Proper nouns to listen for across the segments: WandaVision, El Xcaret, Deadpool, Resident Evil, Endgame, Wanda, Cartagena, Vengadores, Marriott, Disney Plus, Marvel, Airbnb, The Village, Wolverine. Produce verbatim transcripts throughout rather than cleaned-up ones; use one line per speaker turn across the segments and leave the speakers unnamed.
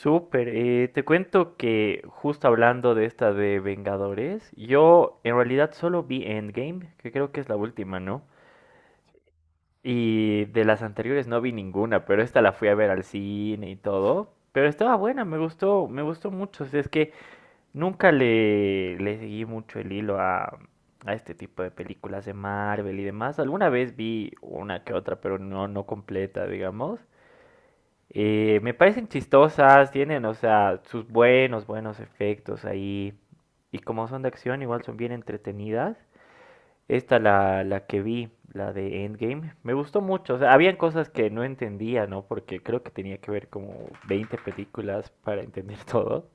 Súper, eh, te cuento que justo hablando de esta de Vengadores, yo en realidad solo vi Endgame, que creo que es la última, ¿no? Y de las anteriores no vi ninguna, pero esta la fui a ver al cine y todo. Pero estaba buena, me gustó, me gustó mucho. O sea, es que nunca le, le seguí mucho el hilo a, a este tipo de películas de Marvel y demás. Alguna vez vi una que otra, pero no, no completa, digamos. Eh, me parecen chistosas, tienen, o sea, sus buenos, buenos efectos ahí. Y como son de acción, igual son bien entretenidas. Esta, la, la que vi, la de Endgame, me gustó mucho. O sea, habían cosas que no entendía, ¿no? Porque creo que tenía que ver como veinte películas para entender todo.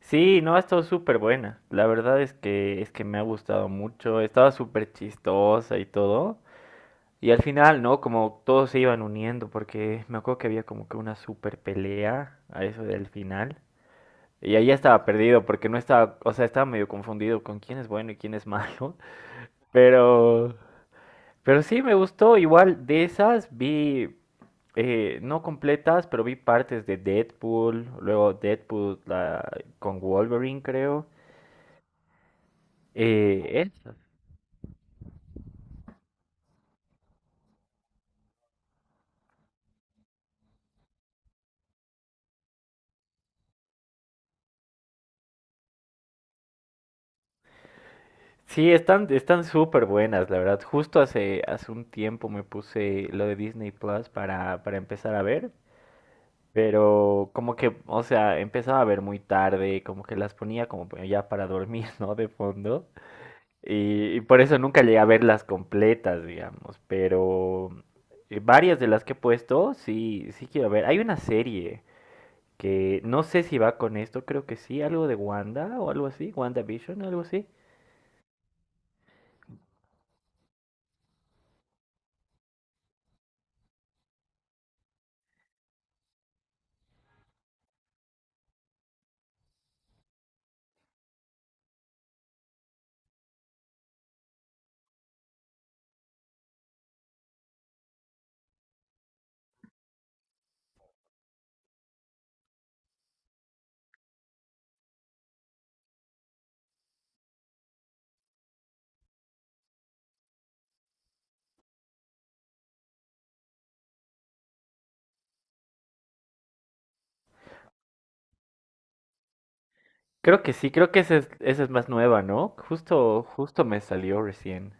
Sí, no, ha estado súper buena. La verdad es que, es que me ha gustado mucho. Estaba súper chistosa y todo. Y al final, ¿no? Como todos se iban uniendo, porque me acuerdo que había como que una super pelea a eso del final. Y ahí ya estaba perdido, porque no estaba, o sea, estaba medio confundido con quién es bueno y quién es malo. Pero, pero sí me gustó. Igual de esas vi, eh, no completas, pero vi partes de Deadpool, luego Deadpool la- con Wolverine, creo. Eh, esas. Sí, están, están súper buenas, la verdad. Justo hace, hace un tiempo me puse lo de Disney Plus para, para empezar a ver, pero como que, o sea, empezaba a ver muy tarde, como que las ponía como pa- ya para dormir, ¿no? De fondo. Y, y por eso nunca llegué a verlas completas, digamos, pero eh, varias de las que he puesto, sí, sí quiero ver. Hay una serie que no sé si va con esto, creo que sí, algo de Wanda o algo así, WandaVision, algo así. Creo que sí, creo que esa es, esa es más nueva, ¿no? Justo, justo me salió recién.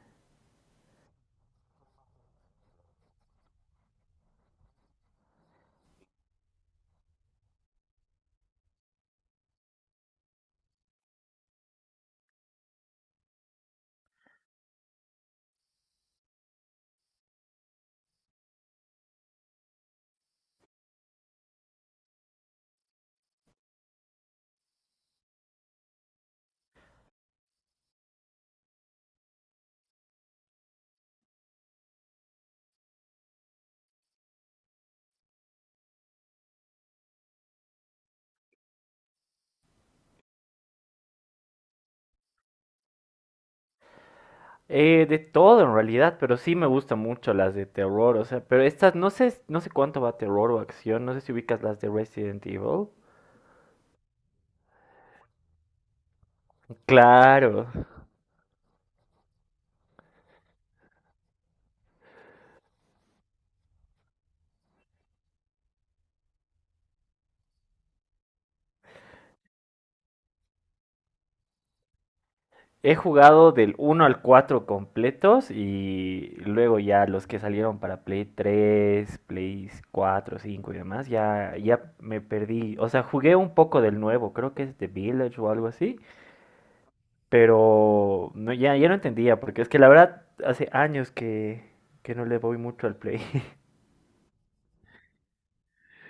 Eh, de todo en realidad, pero sí me gustan mucho las de terror, o sea, pero estas no sé, no sé cuánto va terror o acción, no sé si ubicas las de Resident Evil. Claro. He jugado del uno al cuatro completos y luego ya los que salieron para Play tres, Play cuatro, cinco y demás, ya, ya me perdí. O sea, jugué un poco del nuevo, creo que es The Village o algo así. Pero no, ya, ya no entendía, porque es que la verdad hace años que, que no le voy mucho al Play.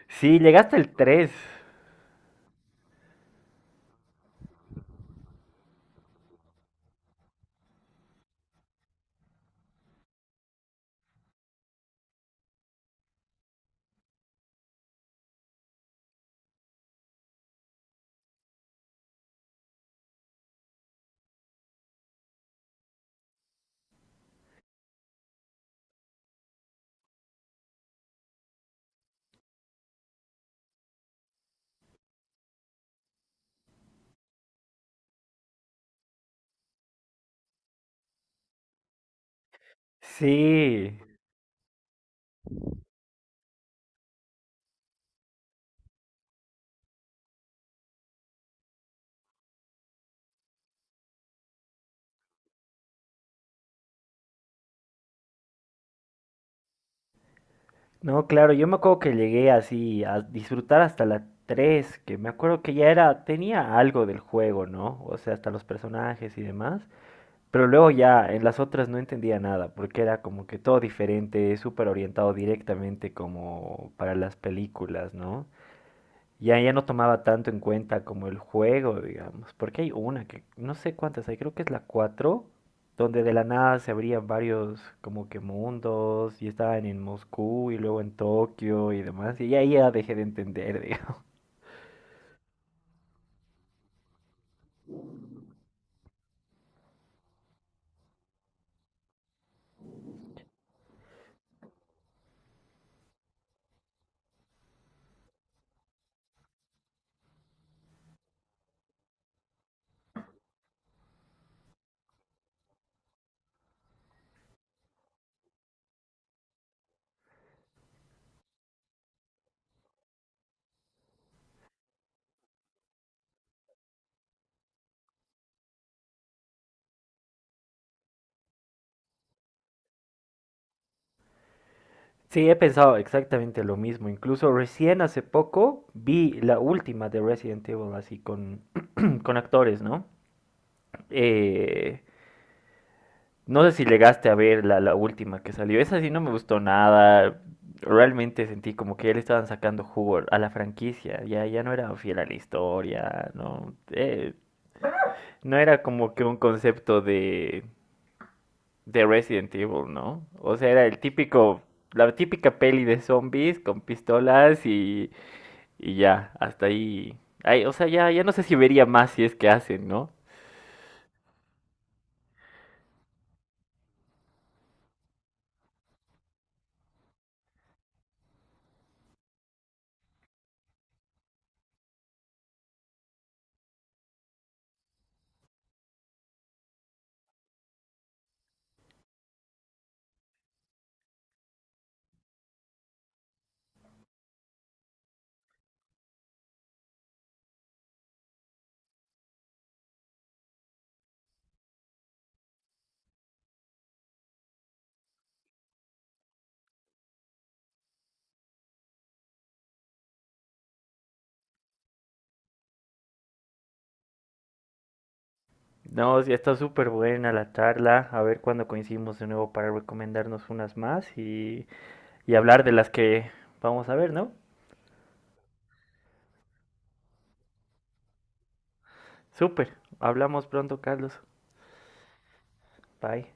Sí, llegaste el tres. Sí. No, claro, yo me acuerdo que llegué así a disfrutar hasta la tres que me acuerdo que ya era, tenía algo del juego, ¿no? O sea, hasta los personajes y demás. Pero luego ya en las otras no entendía nada, porque era como que todo diferente, súper orientado directamente como para las películas, ¿no? Ya, ya no tomaba tanto en cuenta como el juego, digamos, porque hay una que no sé cuántas hay, creo que es la cuatro donde de la nada se abrían varios como que mundos y estaban en Moscú y luego en Tokio y demás, y ahí ya dejé de entender, digamos. Sí, he pensado exactamente lo mismo, incluso recién hace poco vi la última de Resident Evil así con, con actores, ¿no? Eh, No sé si llegaste a ver la, la última que salió. Esa sí no me gustó nada. Realmente sentí como que ya le estaban sacando jugo a la franquicia. Ya, ya no era fiel a la historia. No, Eh, no era como que un concepto de, de Resident Evil, ¿no? O sea, era el típico, la típica peli de zombies con pistolas y, y ya, hasta ahí. Ay, o sea, ya, ya no sé si vería más si es que hacen, ¿no? No, sí, está súper buena la charla. A ver cuándo coincidimos de nuevo para recomendarnos unas más y, y hablar de las que vamos a ver, ¿no? Súper. Hablamos pronto, Carlos. Bye.